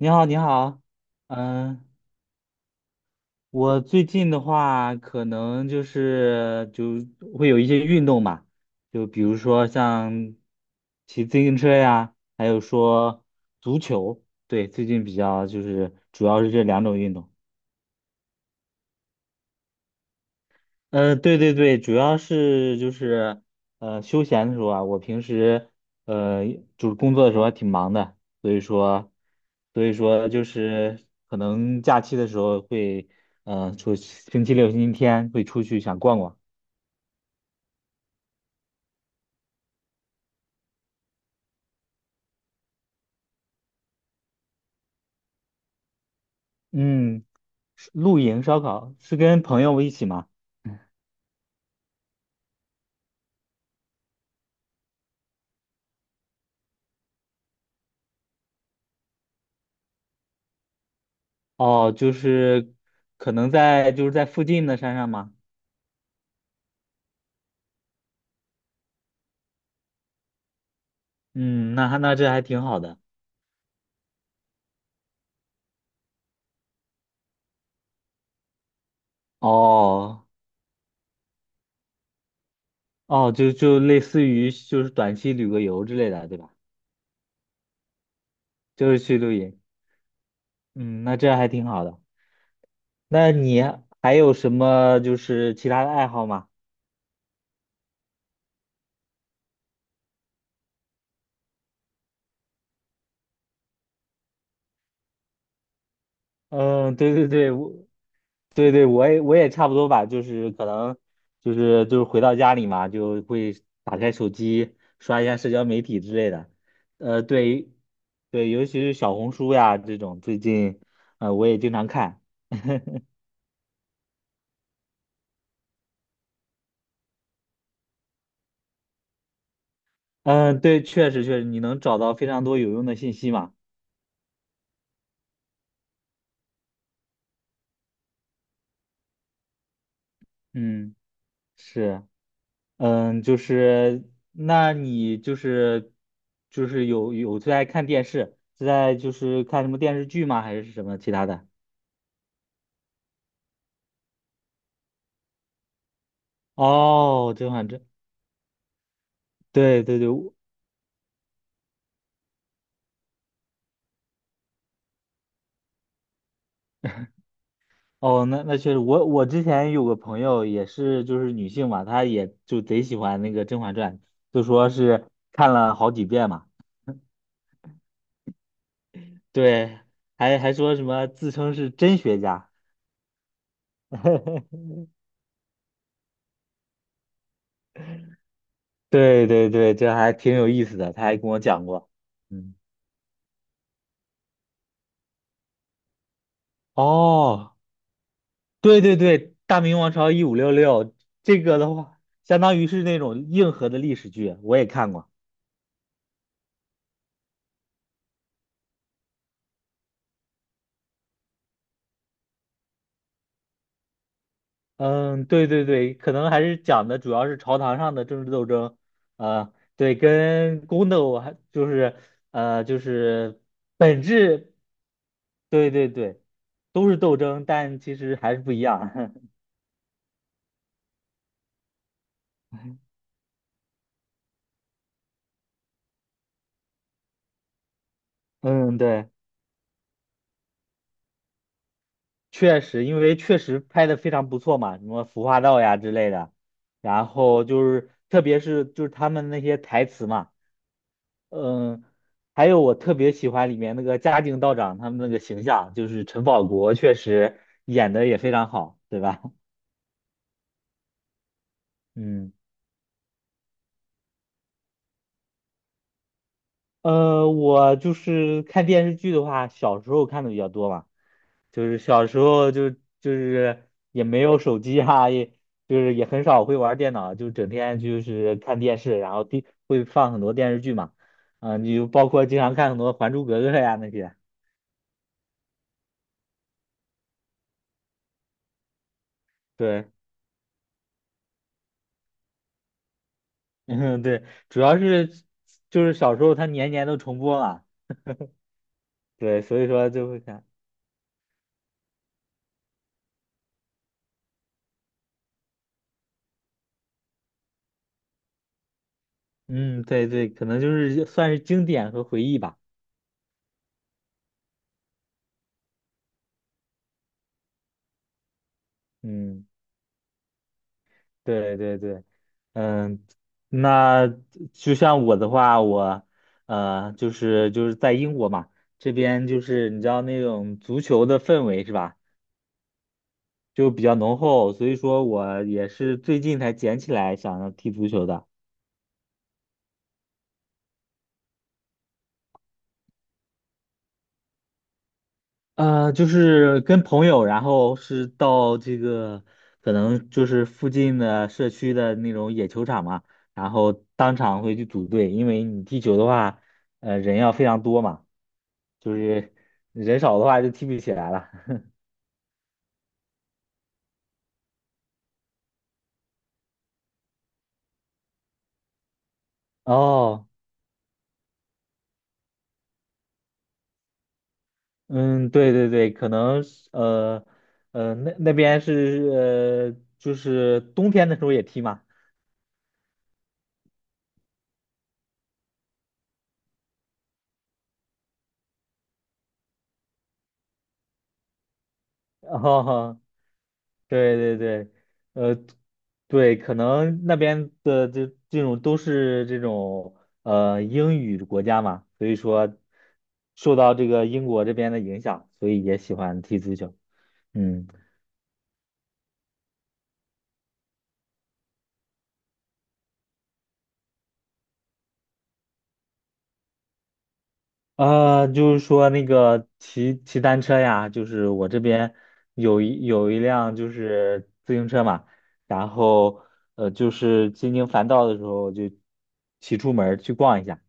你好，你好。嗯，我最近的话，可能就是会有一些运动嘛，就比如说像骑自行车呀，还有说足球。对，最近比较就是主要是这两种运动。对对对，主要是就是休闲的时候啊。我平时呃就是工作的时候还挺忙的，所以说就是可能假期的时候会星期六、星期天会出去想逛逛。嗯，是露营烧烤是跟朋友一起吗？哦，就是可能在就是在附近的山上吗？嗯，那这还挺好的。哦。哦，就类似于就是短期旅个游之类的，对吧？就是去露营。嗯，那这样还挺好的。那你还有什么就是其他的爱好吗？嗯，对对对。对对，我也差不多吧，就是可能就是回到家里嘛，就会打开手机刷一下社交媒体之类的。对对，尤其是小红书呀这种，最近我也经常看。嗯，对，确实确实，你能找到非常多有用的信息嘛。嗯，是，嗯，就是。那你有最爱看电视，是在就是看什么电视剧吗？还是什么其他的？哦，甄嬛传，对对对。哦，那确实，我之前有个朋友也是就是女性嘛，她也就贼喜欢那个《甄嬛传》，就说是看了好几遍嘛。对，还说什么自称是真学家，对对对，这还挺有意思的，她还跟我讲过。嗯。哦，对对对，《大明王朝一五六六》这个的话，相当于是那种硬核的历史剧，我也看过。嗯，对对对，可能还是讲的主要是朝堂上的政治斗争。对，跟宫斗还就是本质。对对对，都是斗争，但其实还是不一样。嗯，对。确实，因为确实拍的非常不错嘛，什么服化道呀之类的，然后就是特别是就是他们那些台词嘛。嗯，还有我特别喜欢里面那个嘉靖道长他们那个形象，就是陈宝国确实演的也非常好，对吧？嗯。我就是看电视剧的话，小时候看的比较多嘛。就是小时候就是也没有手机啊，也就是也很少会玩电脑，就整天就是看电视，然后第会放很多电视剧嘛。啊，你就包括经常看很多《还珠格格》呀那些。对，嗯，对，主要是就是小时候它年年都重播嘛，对，所以说就会看。嗯，对对，可能就是算是经典和回忆吧。嗯。对对对。嗯，那就像我的话，我，就是在英国嘛，这边就是你知道那种足球的氛围是吧，就比较浓厚，所以说我也是最近才捡起来想要踢足球的。就是跟朋友，然后是到这个可能就是附近的社区的那种野球场嘛，然后当场会去组队，因为你踢球的话，人要非常多嘛。就是人少的话就踢不起来了。哦，嗯，对对对，可能是那边是就是冬天的时候也踢嘛。然后对对对。呃，对，可能那边的这种都是这种英语国家嘛，所以说受到这个英国这边的影响，所以也喜欢踢足球。嗯。就是说那个骑单车呀，就是我这边有一辆就是自行车嘛，然后就是心情烦躁的时候就骑出门儿去逛一下。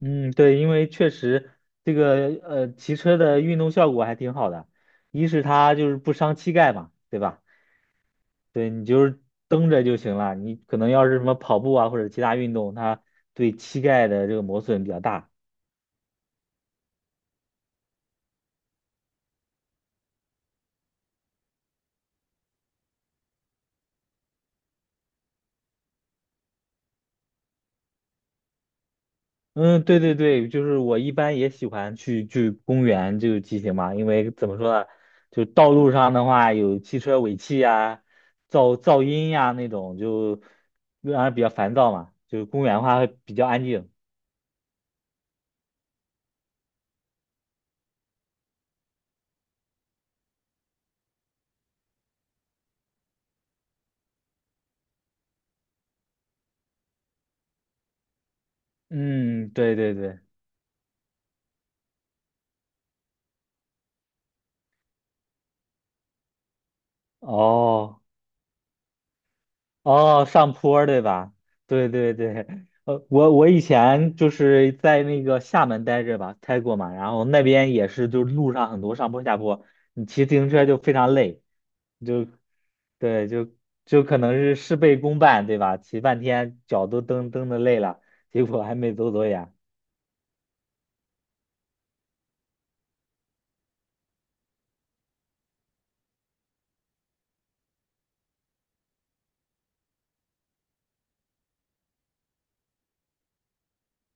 嗯，对，因为确实这个骑车的运动效果还挺好的。一是它就是不伤膝盖嘛，对吧？对，你就是蹬着就行了，你可能要是什么跑步啊或者其他运动，它对膝盖的这个磨损比较大。嗯，对对对，就是我一般也喜欢去公园就骑行嘛。因为怎么说呢，就道路上的话有汽车尾气呀、噪音呀那种，就让人比较烦躁嘛。就公园的话会比较安静。嗯，对对对。哦哦，上坡儿对吧？对对对。我以前就是在那个厦门待着吧，待过嘛，然后那边也是，就是路上很多上坡下坡，你骑自行车就非常累。就对，就可能是事倍功半，对吧？骑半天脚都蹬蹬的累了，结果还没走多远。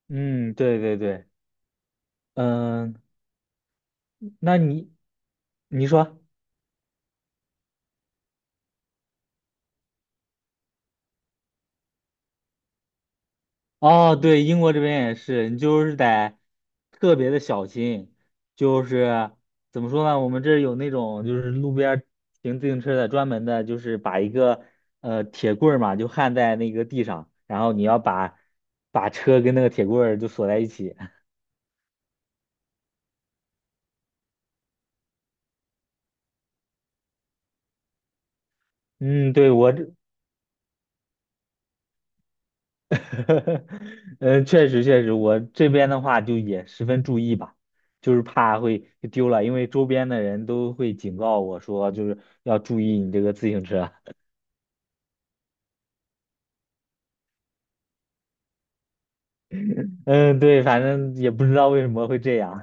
嗯，对对对。嗯，那你，你说。哦，对，英国这边也是，你就是得特别的小心。就是怎么说呢？我们这儿有那种就是路边儿停自行车的，专门的，就是把一个铁棍儿嘛，就焊在那个地上，然后你要把车跟那个铁棍儿就锁在一起。嗯，对，我这。嗯，确实确实，我这边的话就也十分注意吧，就是怕会丢了，因为周边的人都会警告我说，就是要注意你这个自行车。嗯，对，反正也不知道为什么会这样。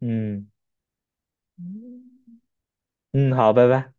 嗯嗯嗯，好，拜拜。